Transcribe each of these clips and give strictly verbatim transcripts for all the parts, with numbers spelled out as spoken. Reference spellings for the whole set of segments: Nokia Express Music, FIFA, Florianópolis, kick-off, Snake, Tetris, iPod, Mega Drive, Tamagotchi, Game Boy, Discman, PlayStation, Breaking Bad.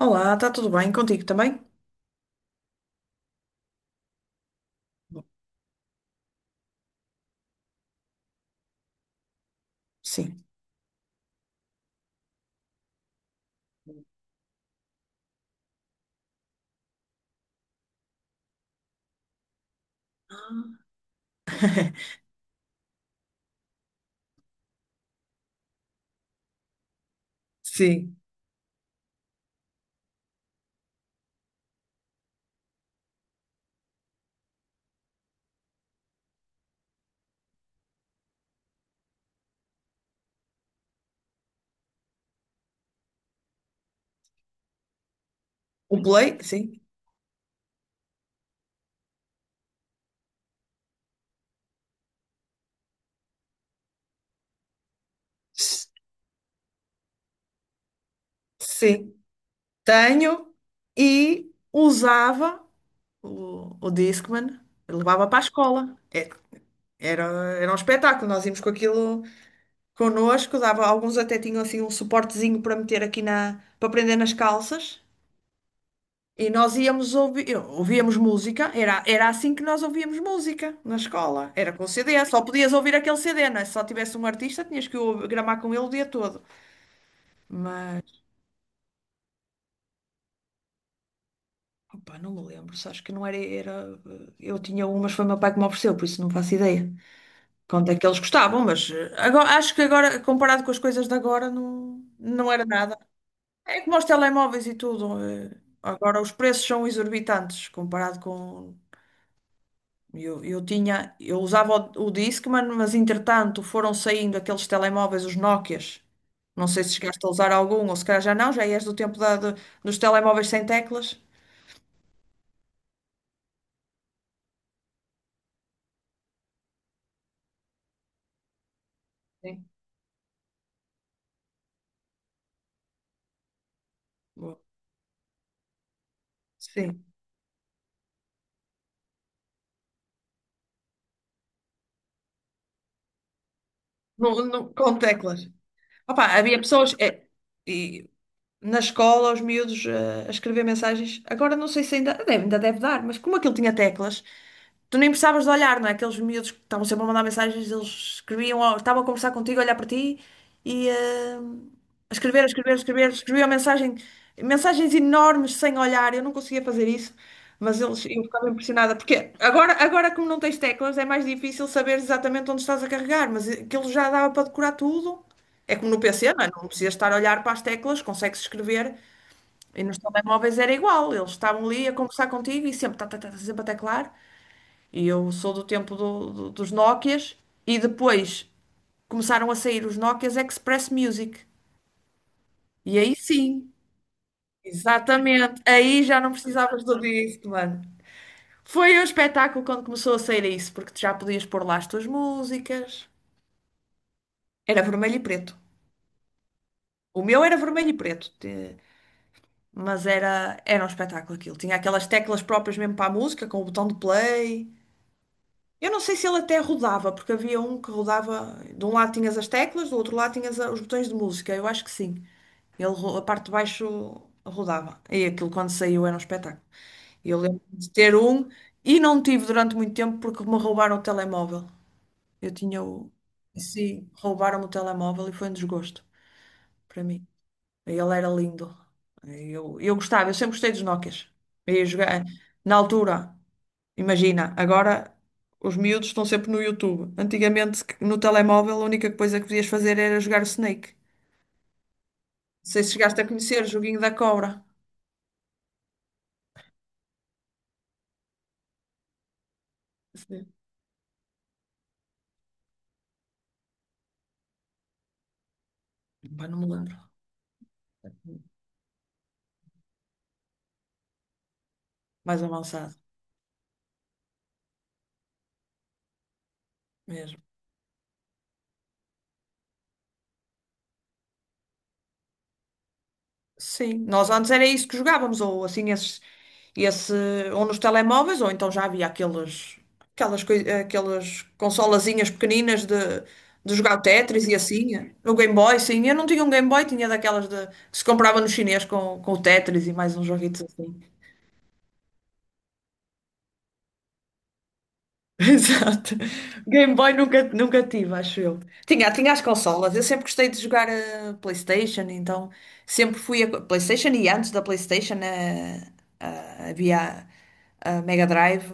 Olá, está tudo bem contigo também? Sim. Ah. Sim. O Play? Sim. Sim. Tenho e usava o, o Discman, levava para a escola. É- Era, era um espetáculo, nós íamos com aquilo connosco, dava, alguns até tinham assim um suportezinho para meter aqui na, para prender nas calças. E nós íamos ouvir, ouvíamos música, era, era assim que nós ouvíamos música na escola, era com C D, só podias ouvir aquele C D, não é? Se só tivesse um artista, tinhas que ou- gramar com ele o dia todo. Mas, opa, não me lembro, só acho que não era, era, eu tinha um, mas foi meu pai que me ofereceu, por isso não faço ideia quanto é que eles gostavam, mas eh, agora, acho que agora, comparado com as coisas de agora, não, não era nada. É como os telemóveis e tudo, eh, agora os preços são exorbitantes comparado com. Eu, eu tinha, eu usava o, o Discman, mas entretanto foram saindo aqueles telemóveis, os Nokias. Não sei se chegaste a usar algum, ou se calhar já não, já és do tempo da, do- dos telemóveis sem teclas. Sim. Boa. Sim, no, no- com teclas. Opa, havia pessoas, eh, e, na escola, os miúdos, eh, a escrever mensagens. Agora não sei se ainda deve, ainda deve dar, mas como aquilo tinha teclas, tu nem precisavas de olhar, não é? Aqueles miúdos que estavam sempre a mandar mensagens, eles escreviam, ou estavam a conversar contigo, a olhar para ti e, eh, a escrever, a escrever, a escrever, escreviam mensagem, mensagens enormes sem olhar. Eu não conseguia fazer isso, mas eles, eu ficava impressionada, porque agora, agora como não tens teclas, é mais difícil saber exatamente onde estás a carregar, mas aquilo já dava para decorar tudo. É como no P C, não é? Não precisas estar a olhar para as teclas, consegues escrever. E nos telemóveis era igual, eles estavam ali a conversar contigo e sempre, tá, tá, tá, tá, sempre a teclar. E eu sou do tempo do- do- dos Nokias e depois começaram a sair os Nokias Express Music. E aí sim, exatamente. Aí já não precisavas do disco, mano. Foi um espetáculo quando começou a sair isso, porque tu já podias pôr lá as tuas músicas. Era vermelho e preto. O meu era vermelho e preto, te- Mas era, era um espetáculo aquilo. Tinha aquelas teclas próprias mesmo para a música, com o botão de play. Eu não sei se ele até rodava, porque havia um que rodava, de um lado tinhas as teclas, do outro lado tinhas a- os botões de música, eu acho que sim. Ele, ro- a parte de baixo rodava. E aquilo quando saiu era um espetáculo. Eu lembro de ter um e não tive durante muito tempo porque me roubaram o telemóvel. Eu tinha o. Sim, roubaram-me o telemóvel e foi um desgosto para mim. Ele era lindo. Eu, eu gostava, eu sempre gostei dos Nokias. Eu ia jogar na altura. Imagina, agora os miúdos estão sempre no YouTube. Antigamente, no telemóvel, a única coisa que podias fazer era jogar o Snake. Não sei se chegaste a conhecer o joguinho da cobra. Sim. Pá, não me lembro. Mais avançado mesmo. Sim, nós antes era isso que jogávamos, ou assim, esses, esse, ou nos telemóveis, ou então já havia aqueles, aquelas, coi- aquelas consolazinhas pequeninas de, de jogar o Tetris e assim, o Game Boy, sim, eu não tinha um Game Boy, tinha daquelas de, que se comprava no chinês com, com o Tetris e mais uns joguitos assim. Exato. Game Boy nunca, nunca tive, acho eu. Tinha, tinha as consolas. Eu sempre gostei de jogar a PlayStation, então sempre fui a PlayStation e antes da PlayStation, eh, ah, havia a Mega Drive.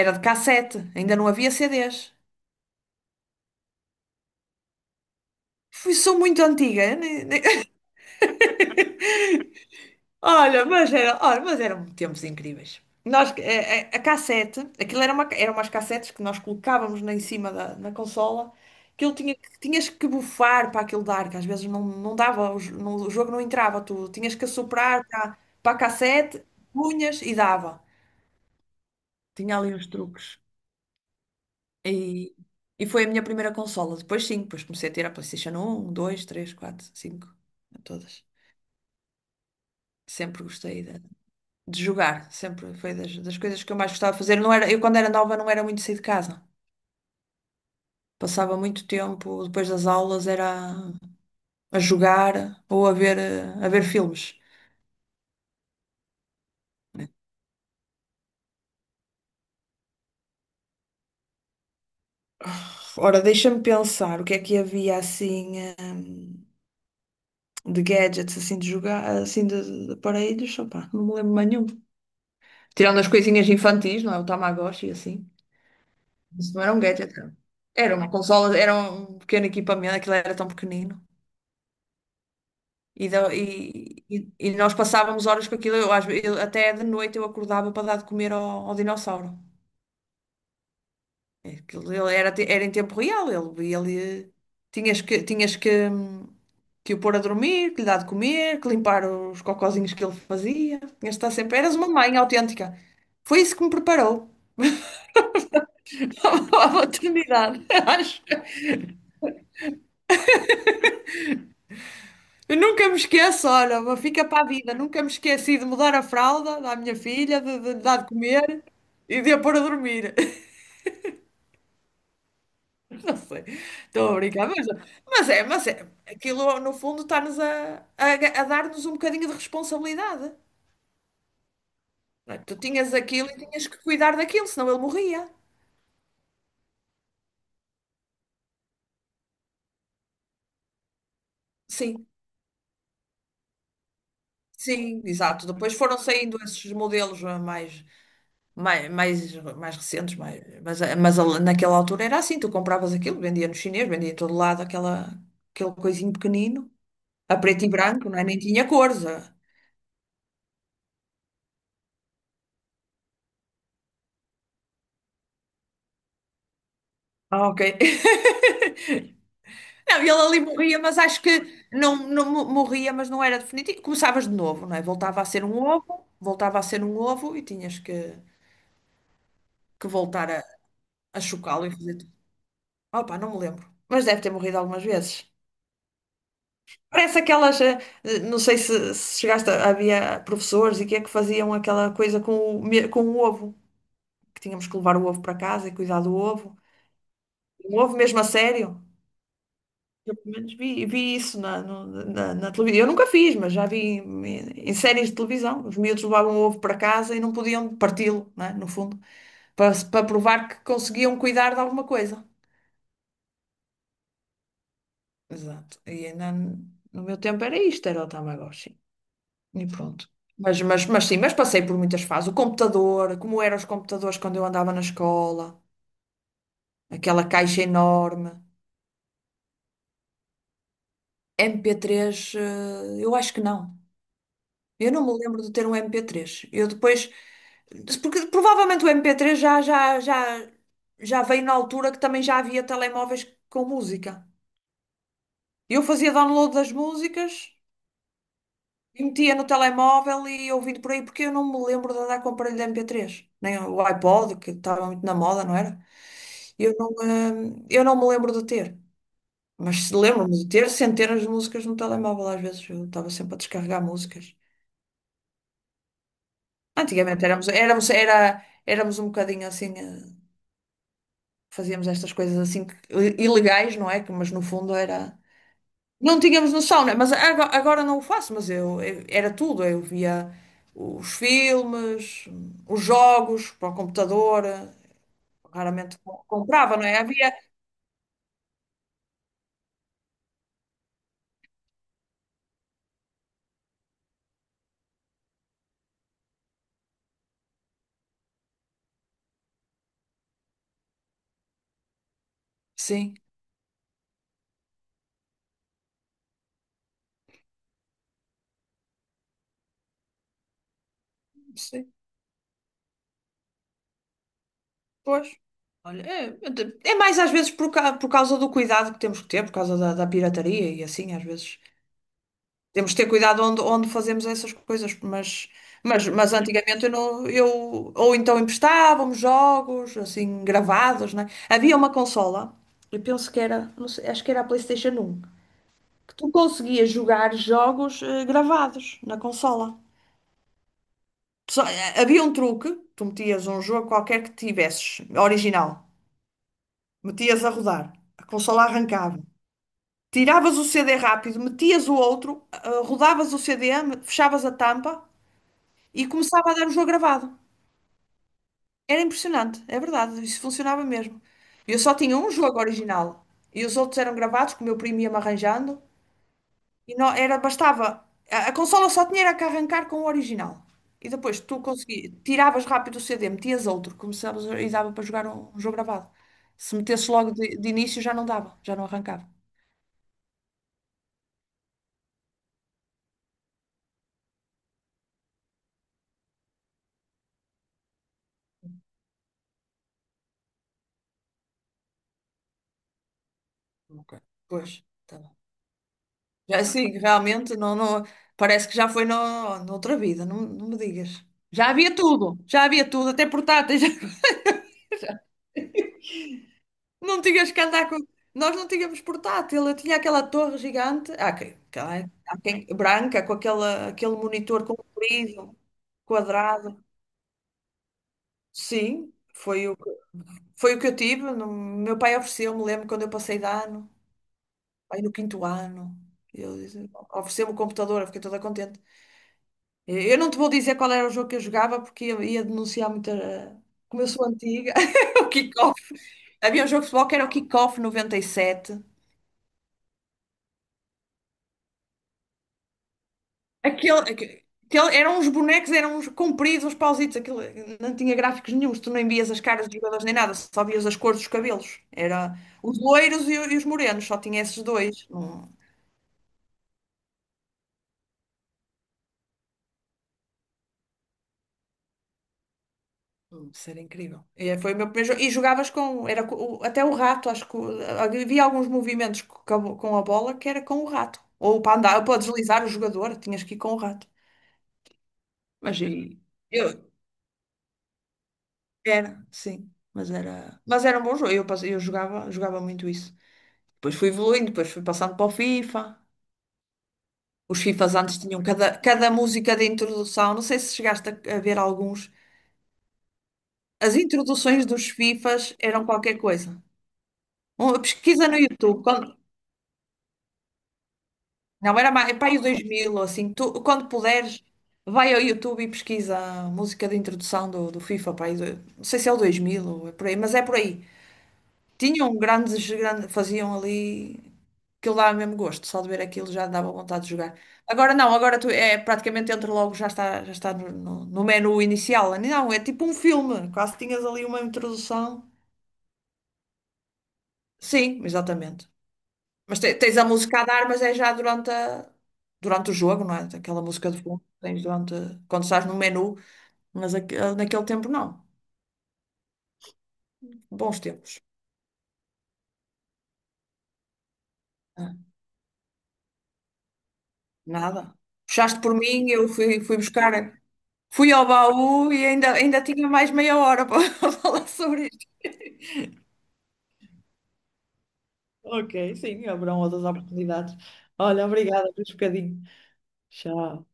Era de cassete, ainda não havia C Ds. Fui, sou muito antiga. Eu nem- nem- Olha, mas era, olha, mas eram tempos incríveis. Nós, a, a- a cassete, aquilo era uma, eram umas cassetes que nós colocávamos na, em cima da na consola, que ele tinha, que- tinhas que bufar para aquilo dar, que às vezes não, não dava, o, jo- não- o jogo não entrava, tu tinhas que soprar para, para a cassete, punhas e dava. Tinha ali uns truques. E, e foi a minha primeira consola. Depois sim, depois comecei a ter a PlayStation um, dois, três, quatro, cinco, todas. Sempre gostei de jogar, sempre foi das, das coisas que eu mais gostava de fazer. Não era, eu, quando era nova, não era muito sair de casa. Passava muito tempo, depois das aulas, era a jogar ou a ver, eh, a ver filmes. Ora, deixa-me pensar o que é que havia assim, eh, de gadgets, assim de jogar, assim de, de aparelhos. Opá, não me lembro mais nenhum. Tirando as coisinhas infantis, não é? O Tamagotchi, e assim. Isso não era um gadget, não. Era uma consola, era um pequeno equipamento, aquilo era tão pequenino. E, da- e- e- e nós passávamos horas com aquilo, eu, às ve- eu- até de noite eu acordava para dar de comer ao ao dinossauro. É. Aquilo, ele era, te- era em tempo real, ele, ele eh, tinhas que, tinhas que, hum, que o pôr a dormir, que lhe dar de comer, que limpar os cocozinhos que ele fazia. Tinhas de estar sempre, eras uma mãe autêntica. Foi isso que me preparou para a maternidade, acho. Eu nunca me esqueço, olha, fica para a vida, nunca me esqueci de mudar a fralda da minha filha, de, de lhe dar de comer e de a pôr a dormir. Não sei, estou a brincar, mas, mas é, mas é, aquilo no fundo está-nos a, a, a dar-nos um bocadinho de responsabilidade, não é? Tu tinhas aquilo e tinhas que cuidar daquilo, senão ele morria. Sim, sim, exato. Depois foram saindo esses modelos, ah, mais, mais, mais, mais recentes, mais, mas, mas a- naquela altura era assim, tu compravas aquilo, vendia no chinês, vendia em todo lado aquela, aquele coisinho pequenino, a preto e branco, não é? Nem tinha cores. Ah. Ah, ok. Não, ele ali morria, mas acho que não, não mo- morria, mas não era definitivo. Começavas de novo, não é? Voltava a ser um ovo, voltava a ser um ovo e tinhas que, que voltar a, a chocá-lo e fazer tudo. Opa, não me lembro. Mas deve ter morrido algumas vezes. Parece aquelas. eh, eh, Não sei se, se chegaste a. Havia professores e que é que faziam aquela coisa com o, me- com o ovo, que tínhamos que levar o ovo para casa e cuidar do ovo. Um ovo mesmo a sério. Eu pelo menos vi, vi isso na, no- na, na televisão. Eu nunca fiz, mas já vi em, em séries de televisão. Os miúdos levavam ovo para casa e não podiam parti-lo, né, no fundo, para, para provar que conseguiam cuidar de alguma coisa. Exato. E ainda no meu tempo era isto, era o Tamagotchi. E pronto. Mas, mas, mas sim, mas passei por muitas fases. O computador, como eram os computadores quando eu andava na escola, aquela caixa enorme. Mp três, eh, eu acho que não. Eu não me lembro de ter um mp três. Eu depois. Porque provavelmente o mp três já, já, já, já veio na altura que também já havia telemóveis com música. Eu fazia download das músicas e metia no telemóvel e ia ouvindo por aí, porque eu não me lembro de andar com o aparelho de mp três, nem o iPod, que estava muito na moda, não era? Eu não, eh, eu não me lembro de ter. Mas se lembro-me de ter centenas de músicas no telemóvel, às vezes eu estava sempre a descarregar músicas. Antigamente éramos, éramos, era, éramos um bocadinho assim, eh, fazíamos estas coisas assim que- ilegais, não é? Que, mas no fundo era. Não tínhamos noção, né? Mas ago- agora não o faço, mas eu, eu- era tudo. Eu via os filmes, os jogos para o computador, eh, raramente co- comprava, não é? Havia. Sim, sim, pois. Olha, é, é mais às vezes por, ca- por causa do cuidado que temos que ter, por causa da, da pirataria e assim, às vezes. Temos de ter cuidado onde, onde fazemos essas coisas, mas, mas, mas antigamente eu, não, eu ou então emprestávamos jogos assim gravados, né? Havia uma consola, eu penso que era, não sei, acho que era a PlayStation um que tu conseguias jogar jogos, eh, gravados na consola. Só- eh, havia um truque, tu metias um jogo qualquer que tivesses, original, metias a rodar, a consola arrancava. Tiravas o C D rápido, metias o outro, eh, rodavas o C D, me- fechavas a tampa e começava a dar o jogo gravado. Era impressionante, é verdade, isso funcionava mesmo. Eu só tinha um jogo original e os outros eram gravados, que o meu primo ia-me arranjando, e não, era, bastava. A, a consola só tinha era que arrancar com o original. E depois tu consegui, tiravas rápido o C D, metias outro, começavas e dava para jogar um, um jogo gravado. Se metesse logo de, de início já não dava, já não arrancava. Ok. Pois. Tá. Já sim, realmente não, não, parece que já foi no, noutra vida, não, não me digas. Já havia tudo, já havia tudo, até portáteis. Não tinhas que andar com. Nós não tínhamos portátil, eu tinha aquela torre gigante, ah, que, que- há quem- branca, com aquela, aquele monitor comprido, quadrado. Sim, foi o, foi o que eu tive. No- meu pai ofereceu-me, lembro quando eu passei de ano, aí no quinto ano, ele disse, ofereceu-me o computador, eu fiquei toda contente. Eu não te vou dizer qual era o jogo que eu jogava, porque eu ia denunciar muita. Como eu sou antiga, o kick-off. Havia um jogo de futebol que era o kick-off noventa e sete. Aquele, aque- aquele, eram uns bonecos, eram uns compridos, uns pausitos. Aquilo, não tinha gráficos nenhuns, tu nem vias as caras dos jogadores nem nada, só vias as cores dos cabelos. Era os loiros e, o- e os morenos, só tinha esses dois. Não- Hum, Isso incrível. E é, foi o meu primeiro jogo. E jogavas com. Era, co- o- até o rato, acho que. o- Havia alguns movimentos co- com a com a bola que era com o rato. Ou para andar, ou para deslizar o jogador, tinhas que ir com o rato. Mas e- eu. Era, sim. Mas era. Mas era um bom jogo. Eu, passe- eu jogava, jogava muito isso. Depois fui evoluindo, depois fui passando para o FIFA. Os FIFAs antes tinham cada, cada música de introdução. Não sei se chegaste a, a ver alguns. As introduções dos FIFAs eram qualquer coisa. Um- Pesquisa no YouTube. Não, era mais, para aí os dois mil, assim, tu, quando puderes, vai ao YouTube e pesquisa a música de introdução do, do FIFA, para aí, do- não sei se é o dois mil ou é por aí, mas é por aí. Tinham grandes, grandes, faziam ali, aquilo dava mesmo gosto, só de ver aquilo já dava vontade de jogar. Agora não, agora tu é praticamente entra logo, já está, já está no, no, no menu inicial. Não, é tipo um filme, quase tinhas ali uma introdução. Sim, exatamente. Mas te- tens a música a dar, mas é já durante, a- durante o jogo, não é? Aquela música de fundo que tens durante, quando estás no menu, mas aque- naquele tempo não. Bons tempos. Ah, nada. Puxaste por mim, eu fui, fui buscar. Fui ao baú e ainda, ainda tinha mais meia hora para falar sobre isto. Ok, sim, haverão outras oportunidades. Olha, obrigada por um bocadinho. Tchau.